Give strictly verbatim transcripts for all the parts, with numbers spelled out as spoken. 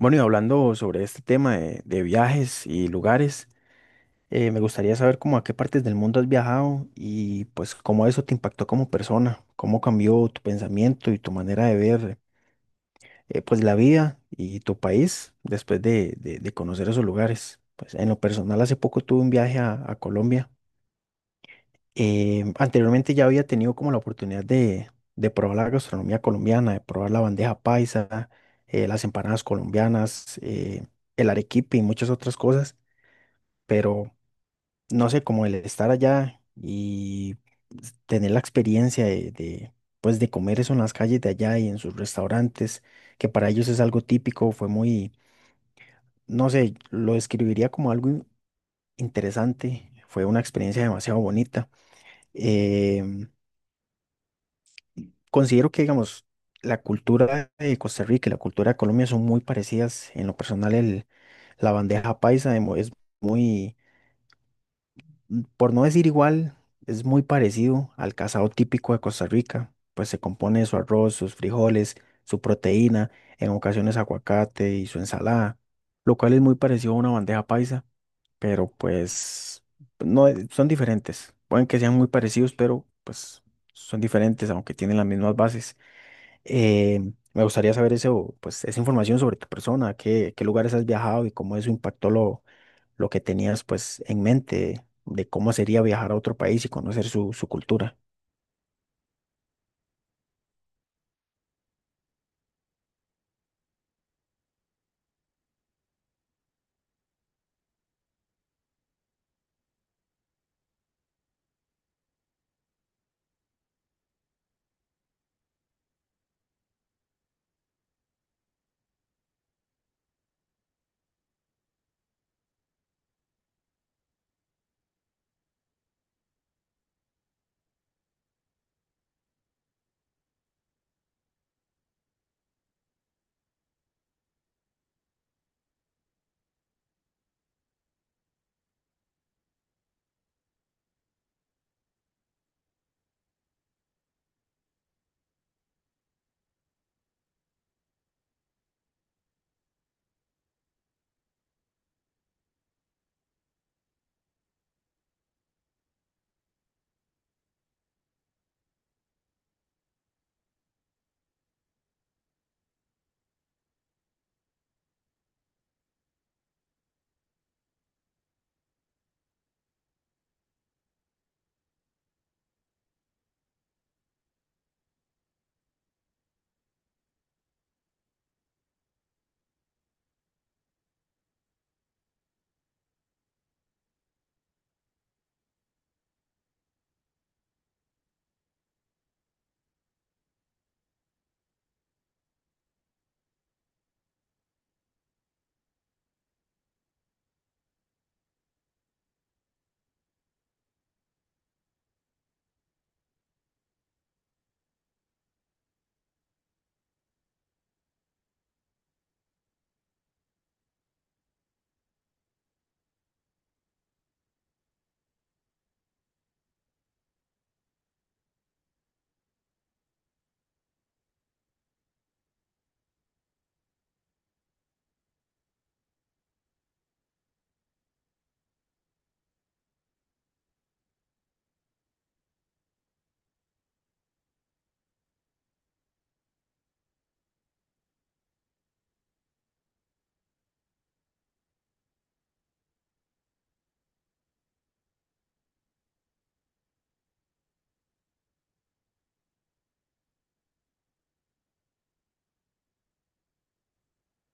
Bueno, y hablando sobre este tema de, de viajes y lugares, eh, me gustaría saber cómo a qué partes del mundo has viajado y pues cómo eso te impactó como persona, cómo cambió tu pensamiento y tu manera de ver eh, pues la vida y tu país después de, de- de conocer esos lugares. Pues en lo personal hace poco tuve un viaje a, a Colombia. Eh, anteriormente ya había tenido como la oportunidad de, de probar la gastronomía colombiana, de probar la bandeja paisa, eh, las empanadas colombianas, eh, el arequipe y muchas otras cosas, pero no sé, como el estar allá y s- tener la experiencia de, de, pues de comer eso en las calles de allá y en sus restaurantes, que para ellos es algo típico, fue muy, no sé, lo describiría como algo in- interesante. Fue una experiencia demasiado bonita. eh, Considero que, digamos, la cultura de Costa Rica y la cultura de Colombia son muy parecidas. En lo personal, el, la bandeja paisa de mo- es muy, mm, por no decir igual, es muy parecido al casado típico de Costa Rica. Pues se compone de su arroz, sus frijoles, su proteína, en ocasiones aguacate y su ensalada, lo cual es muy parecido a una bandeja paisa, pero pues no, eh, son diferentes. Pueden que sean muy parecidos, pero pues son diferentes, aunque tienen las mismas bases. Eh, Me gustaría saber eso, pues, esa información sobre tu persona, qué, qué lugares has viajado y cómo eso impactó lo, lo que tenías pues en mente de cómo sería viajar a otro país y conocer su, su cultura.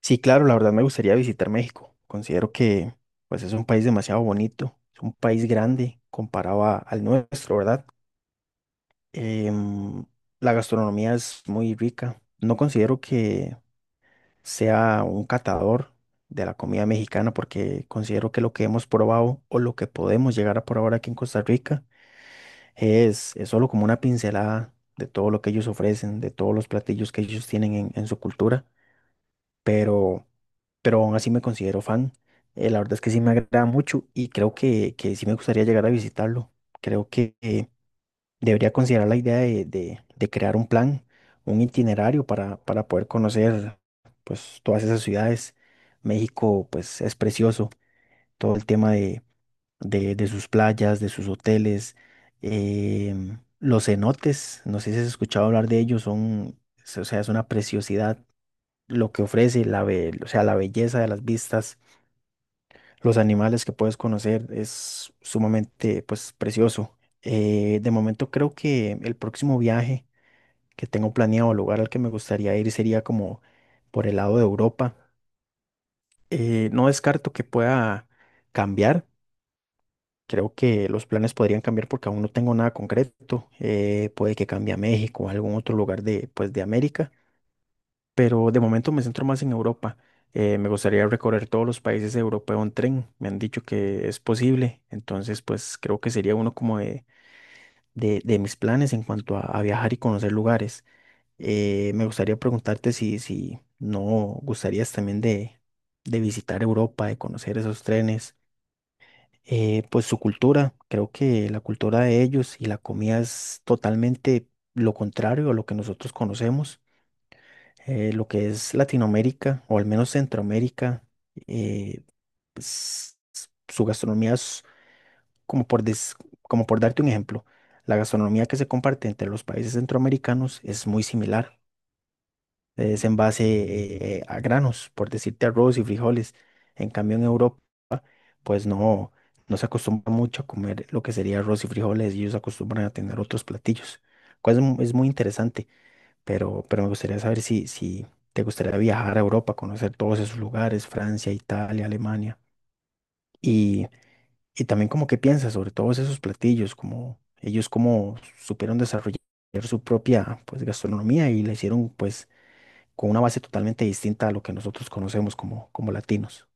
Sí, claro, la verdad me gustaría visitar México. Considero que pues es un país demasiado bonito, es un país grande comparado a- al nuestro, ¿verdad? Em, la gastronomía es muy rica. No considero que sea un catador de la comida mexicana, porque considero que lo que hemos probado o lo que podemos llegar a probar aquí en Costa Rica es, es solo como una pincelada de todo lo que ellos ofrecen, de todos los platillos que ellos tienen en, en su cultura, pero, pero aún así me considero fan. Eh, la verdad es que sí me agrada mucho y creo que, que sí me gustaría llegar a visitarlo. Creo que, eh, debería considerar la idea de, de- de crear un plan, un itinerario para, para poder conocer pues todas esas ciudades. México pues es precioso, todo el tema de, de- de sus playas, de sus hoteles, em, los cenotes, no sé si has escuchado hablar de ellos, son, es- o sea, es una preciosidad lo que ofrece, la, be- o sea, la belleza de las vistas, los animales que puedes conocer, es sumamente pues precioso. Eh, de momento creo que el próximo viaje que tengo planeado, el lugar al que me gustaría ir sería como por el lado de Europa. Eh, no descarto que pueda cambiar. Creo que los planes podrían cambiar porque aún no tengo nada concreto. Eh, puede que cambie a México o a algún otro lugar de, pues, de América, pero de momento me centro más en Europa. Eh, me gustaría recorrer todos los países europeos en tren. Me han dicho que es posible, entonces pues creo que sería uno como de, de, de mis planes en cuanto a a viajar y conocer lugares. Eh, me gustaría preguntarte si, si no gustarías también de, de visitar Europa, de conocer esos trenes, eh, pues su cultura, creo que la cultura de ellos y la comida es totalmente lo contrario a lo que nosotros conocemos. Eh, lo que es Latinoamérica o al menos Centroamérica, eh, pues, su gastronomía es como por, des- como por darte un ejemplo, la gastronomía que se comparte entre los países centroamericanos es muy similar. Es en base eh, eh, a granos, por decirte arroz y frijoles. En cambio, en Europa, pues no, no se acostumbra mucho a comer lo que sería arroz y frijoles, y ellos acostumbran a tener otros platillos, cual es, mu- es muy interesante, pero, pero me gustaría saber si, si te gustaría viajar a Europa, conocer todos esos lugares, Francia, Italia, Alemania, y, y también como qué piensas sobre todos esos platillos, como ellos cómo supieron desarrollar su propia pues gastronomía y la hicieron pues con una base totalmente distinta a lo que nosotros conocemos como, como latinos.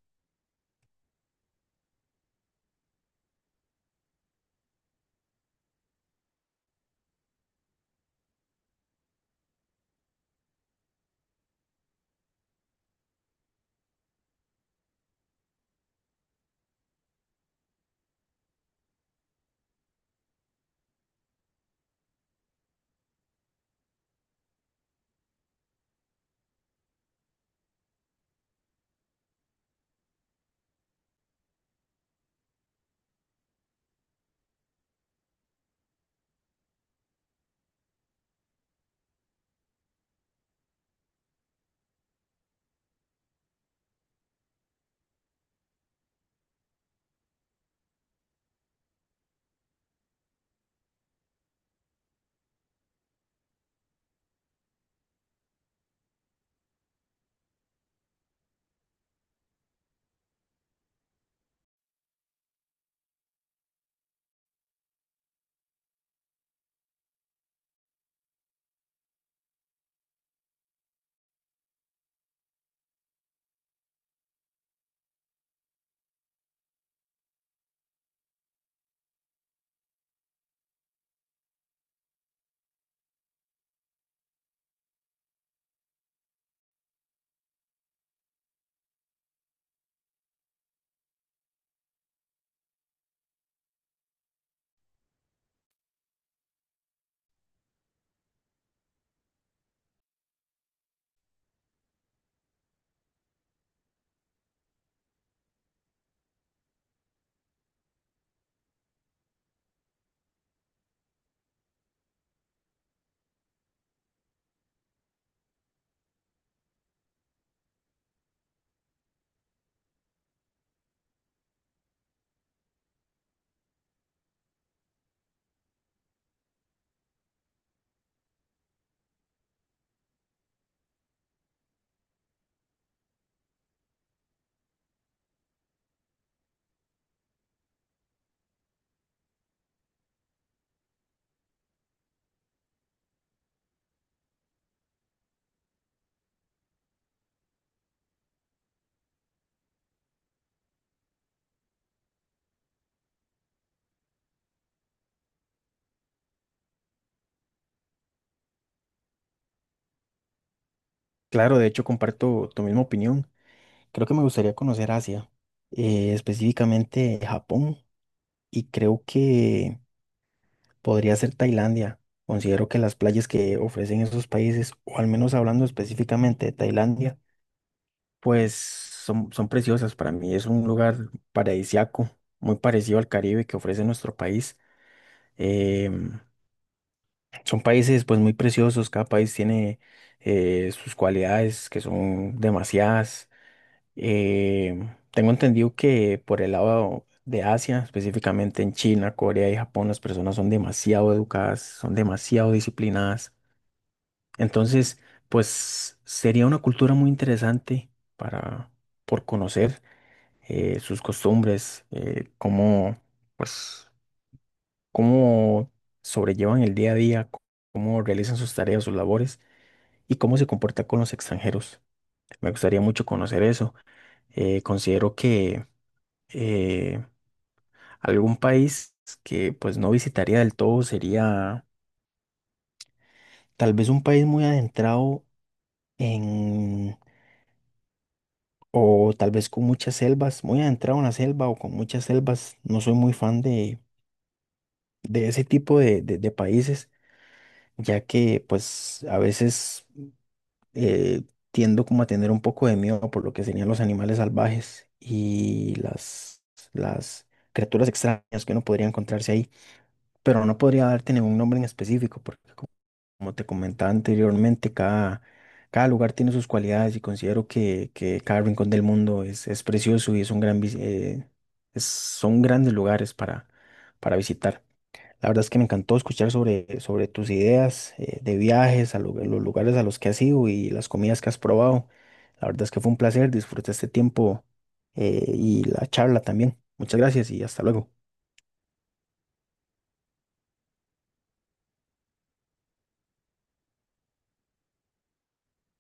Claro, de hecho comparto tu misma opinión. Creo que me gustaría conocer Asia, eh, específicamente Japón, y creo que podría ser Tailandia. Considero que las playas que ofrecen esos países, o al menos hablando específicamente de Tailandia, pues son, son preciosas para mí. Es un lugar paradisiaco, muy parecido al Caribe que ofrece nuestro país. em, Son países pues muy preciosos, cada país tiene eh, sus cualidades que son demasiadas. Eh, Tengo entendido que por el lado de Asia, específicamente en China, Corea y Japón, las personas son demasiado educadas, son demasiado disciplinadas. Entonces, pues sería una cultura muy interesante para por conocer eh, sus costumbres, eh, cómo pues cómo sobrellevan el día a día, cómo realizan sus tareas, sus labores y cómo se comporta con los extranjeros. Me gustaría mucho conocer eso. Eh, considero que eh, algún país que pues no visitaría del todo sería tal vez un país muy adentrado en, o tal vez con muchas selvas, muy adentrado en la selva o con muchas selvas. No soy muy fan de, de ese tipo de, de- de países, ya que pues a veces eh, tiendo como a tener un poco de miedo por lo que serían los animales salvajes y las, las criaturas extrañas que uno podría encontrarse ahí, pero no podría darte ningún nombre en específico, porque co- como te comentaba anteriormente, cada, cada lugar tiene sus cualidades y considero que, que cada rincón del mundo es, es precioso y es un gran, vis- eh, es- son grandes lugares para, para visitar. La verdad es que me encantó escuchar sobre, sobre tus ideas eh, de viajes, a lu- los lugares a los que has ido y las comidas que has probado. La verdad es que fue un placer, disfruté este tiempo eh, y la charla también. Muchas gracias y hasta luego.